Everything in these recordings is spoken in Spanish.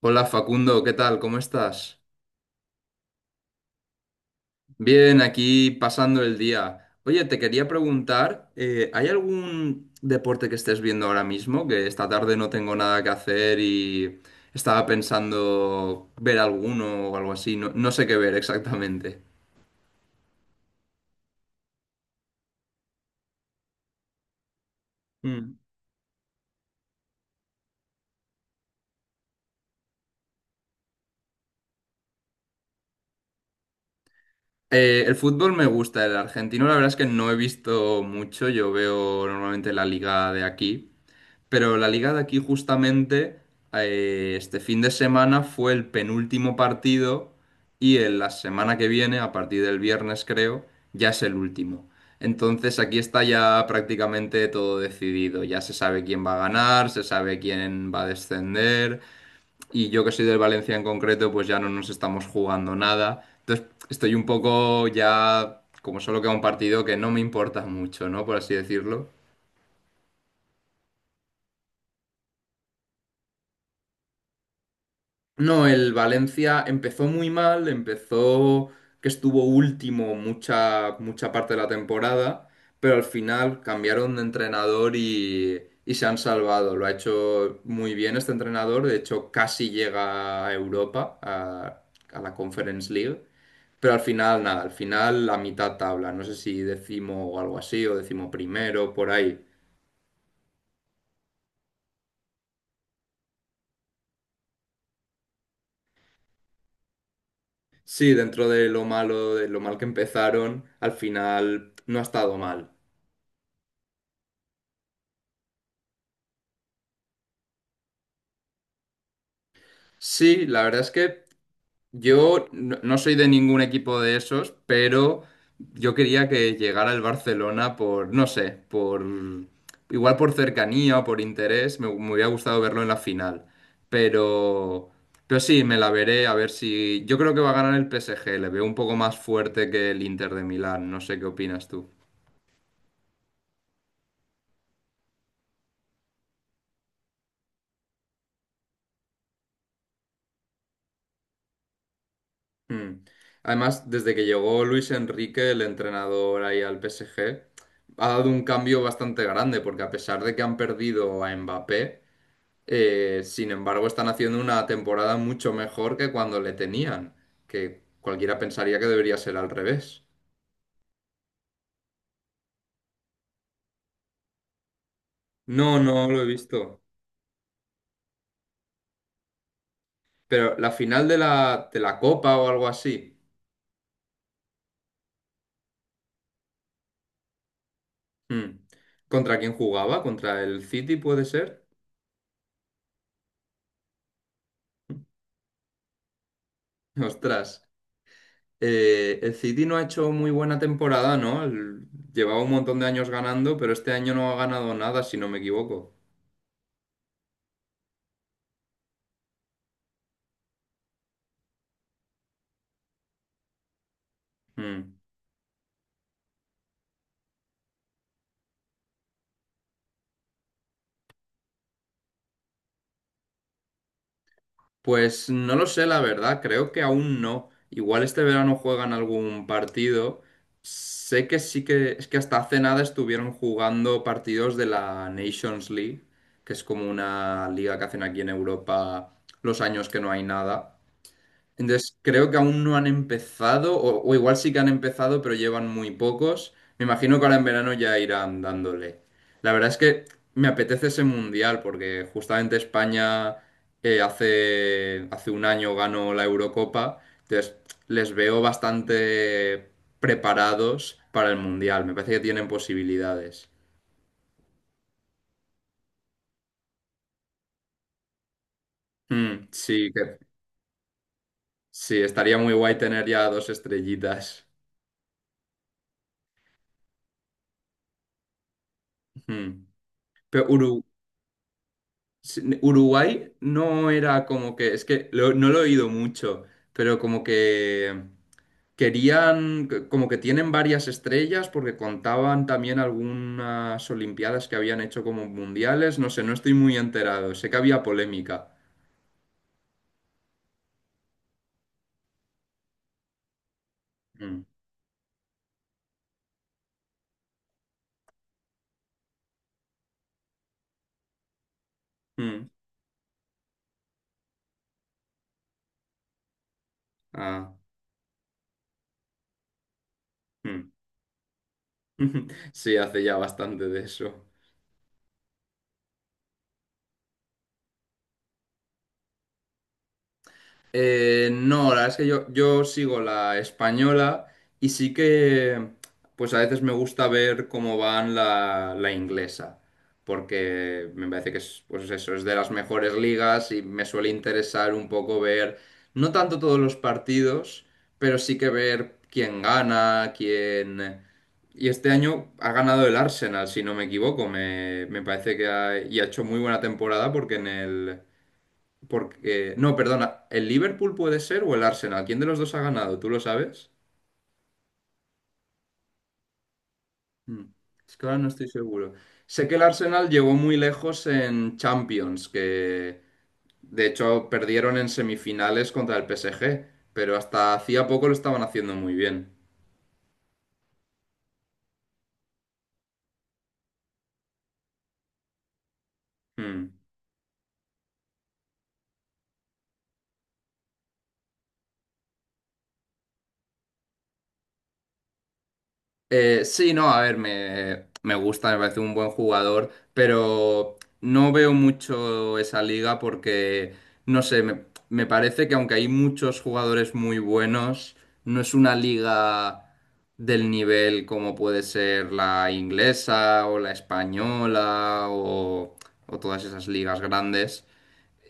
Hola Facundo, ¿qué tal? ¿Cómo estás? Bien, aquí pasando el día. Oye, te quería preguntar, ¿hay algún deporte que estés viendo ahora mismo? Que esta tarde no tengo nada que hacer y estaba pensando ver alguno o algo así. No sé qué ver exactamente. Mm. El fútbol me gusta, el argentino la verdad es que no he visto mucho. Yo veo normalmente la liga de aquí. Pero la liga de aquí justamente este fin de semana fue el penúltimo partido y en la semana que viene, a partir del viernes creo, ya es el último. Entonces aquí está ya prácticamente todo decidido. Ya se sabe quién va a ganar, se sabe quién va a descender y yo que soy del Valencia en concreto, pues ya no nos estamos jugando nada. Entonces estoy un poco ya, como solo queda un partido que no me importa mucho, ¿no? Por así decirlo. No, el Valencia empezó muy mal, empezó que estuvo último mucha parte de la temporada, pero al final cambiaron de entrenador y se han salvado. Lo ha hecho muy bien este entrenador, de hecho casi llega a Europa, a la Conference League, pero al final nada, al final la mitad tabla, no sé si decimo o algo así, o decimo primero, por ahí. Sí, dentro de lo malo, de lo mal que empezaron, al final no ha estado mal. Sí, la verdad es que yo no soy de ningún equipo de esos, pero yo quería que llegara el Barcelona por, no sé, por igual por cercanía o por interés, me hubiera gustado verlo en la final. Pero, pero sí, me la veré a ver si. Yo creo que va a ganar el PSG, le veo un poco más fuerte que el Inter de Milán, no sé qué opinas tú. Mm. Además, desde que llegó Luis Enrique, el entrenador ahí al PSG, ha dado un cambio bastante grande, porque a pesar de que han perdido a Mbappé, sin embargo están haciendo una temporada mucho mejor que cuando le tenían, que cualquiera pensaría que debería ser al revés. No, no lo he visto. Pero la final de de la Copa o algo así, mm. ¿Contra quién jugaba? ¿Contra el City puede ser? Ostras. El City no ha hecho muy buena temporada, ¿no? Llevaba un montón de años ganando, pero este año no ha ganado nada, si no me equivoco. Mm. Pues no lo sé, la verdad, creo que aún no. Igual este verano juegan algún partido. Sé que sí que es que hasta hace nada estuvieron jugando partidos de la Nations League, que es como una liga que hacen aquí en Europa los años que no hay nada. Entonces, creo que aún no han empezado, o igual sí que han empezado, pero llevan muy pocos. Me imagino que ahora en verano ya irán dándole. La verdad es que me apetece ese mundial, porque justamente España hace 1 año ganó la Eurocopa, entonces les veo bastante preparados para el mundial. Me parece que tienen posibilidades. Mm, sí, que, sí, estaría muy guay tener ya dos estrellitas. Mm. Pero Uru- Sí, Uruguay no era como que, no lo he oído mucho, pero como que como que tienen varias estrellas porque contaban también algunas olimpiadas que habían hecho como mundiales, no sé, no estoy muy enterado, sé que había polémica. Mm, mm, ah, mm. Sí, hace ya bastante de eso. No, la verdad es que yo sigo la española y sí que pues a veces me gusta ver cómo van la inglesa, porque me parece que es, pues eso, es de las mejores ligas y me suele interesar un poco ver, no tanto todos los partidos, pero sí que ver quién gana, quién... Y este año ha ganado el Arsenal, si no me equivoco, me parece que ha, y ha hecho muy buena temporada porque en el... Porque, no, perdona, ¿el Liverpool puede ser o el Arsenal? ¿Quién de los dos ha ganado? ¿Tú lo sabes? Mm, es que ahora no estoy seguro. Sé que el Arsenal llegó muy lejos en Champions, que de hecho perdieron en semifinales contra el PSG, pero hasta hacía poco lo estaban haciendo muy bien. Mm. Sí, no, a ver, me gusta, me parece un buen jugador, pero no veo mucho esa liga porque, no sé, me parece que aunque hay muchos jugadores muy buenos, no es una liga del nivel como puede ser la inglesa o la española o todas esas ligas grandes.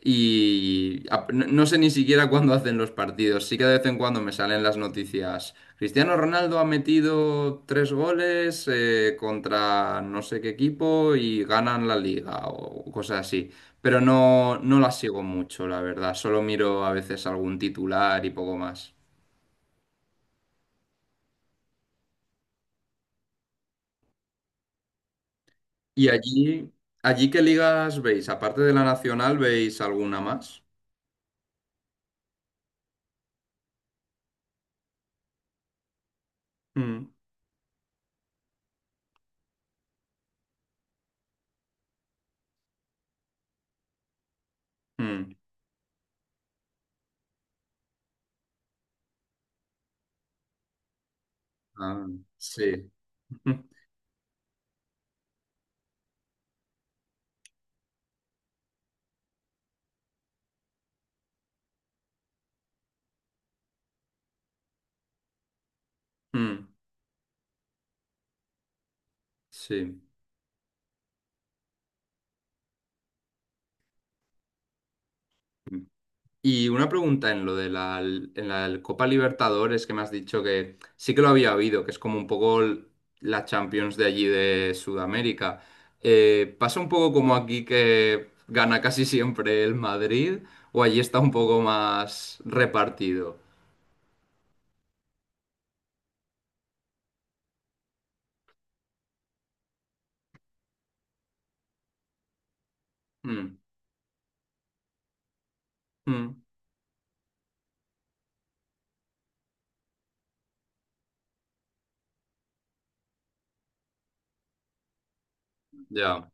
No sé ni siquiera cuándo hacen los partidos. Sí que de vez en cuando me salen las noticias. Cristiano Ronaldo ha metido tres goles contra no sé qué equipo y ganan la liga o cosas así. Pero no, no las sigo mucho, la verdad. Solo miro a veces algún titular y poco más. ¿Y allí, ¿allí qué ligas veis? Aparte de la nacional, ¿veis alguna más? Mm, mm. Ah, sí. Mm, sí. Y una pregunta en lo de en la Copa Libertadores que me has dicho que sí que lo había habido, que es como un poco la Champions de allí de Sudamérica. ¿Pasa un poco como aquí que gana casi siempre el Madrid o allí está un poco más repartido? Mm, mm, ya.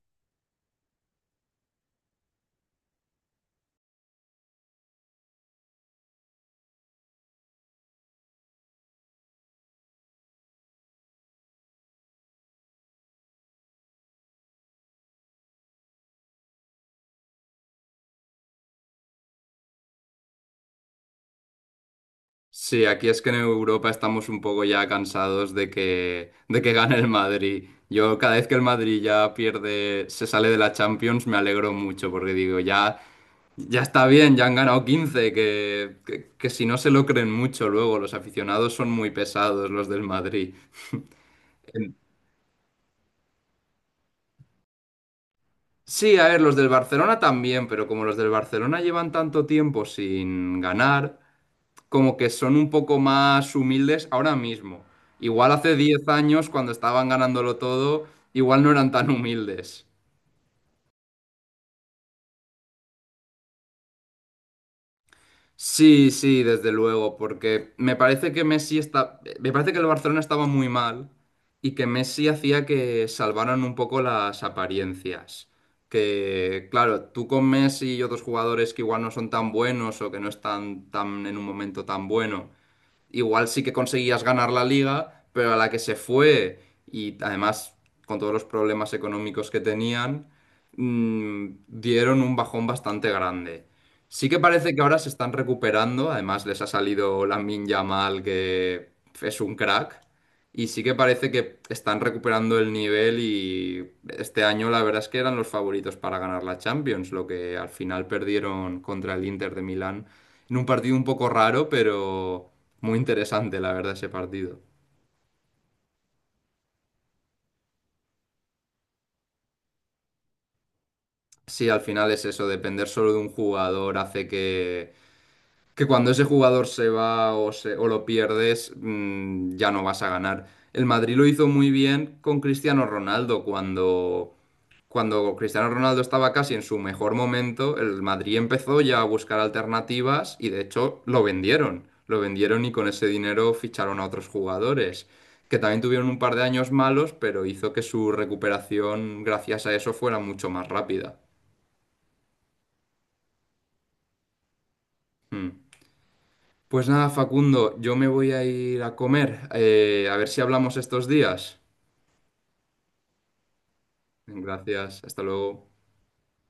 Sí, aquí es que en Europa estamos un poco ya cansados de de que gane el Madrid. Yo cada vez que el Madrid ya pierde, se sale de la Champions, me alegro mucho porque digo, ya... Ya está bien, ya han ganado 15 que si no se lo creen mucho luego, los aficionados son muy pesados, los del Madrid. Em, Sí, a ver, los del Barcelona también, pero como los del Barcelona llevan tanto tiempo sin ganar, como que son un poco más humildes ahora mismo. Igual hace 10 años, cuando estaban ganándolo todo, igual no eran tan humildes. Sí, sí, desde luego, porque me parece que Messi está, me parece que el Barcelona estaba muy mal y que Messi hacía que salvaran un poco las apariencias. Que, claro, tú con Messi y otros jugadores que igual no son tan buenos o que no están tan en un momento tan bueno igual sí que conseguías ganar la liga, pero a la que se fue y además con todos los problemas económicos que tenían, mm, dieron un bajón bastante grande. Sí que parece que ahora se están recuperando, además les ha salido Lamine Yamal, que es un crack, y sí que parece que están recuperando el nivel y este año la verdad es que eran los favoritos para ganar la Champions, lo que al final perdieron contra el Inter de Milán en un partido un poco raro, pero muy interesante, la verdad, ese partido. Sí, al final es eso, depender solo de un jugador hace que cuando ese jugador se va o lo pierdes, mm, ya no vas a ganar. El Madrid lo hizo muy bien con Cristiano Ronaldo cuando Cristiano Ronaldo estaba casi en su mejor momento, el Madrid empezó ya a buscar alternativas y de hecho lo vendieron. Lo vendieron y con ese dinero ficharon a otros jugadores, que también tuvieron un par de años malos, pero hizo que su recuperación gracias a eso fuera mucho más rápida. Mm. Pues nada, Facundo, yo me voy a ir a comer. A ver si hablamos estos días. Gracias, hasta luego.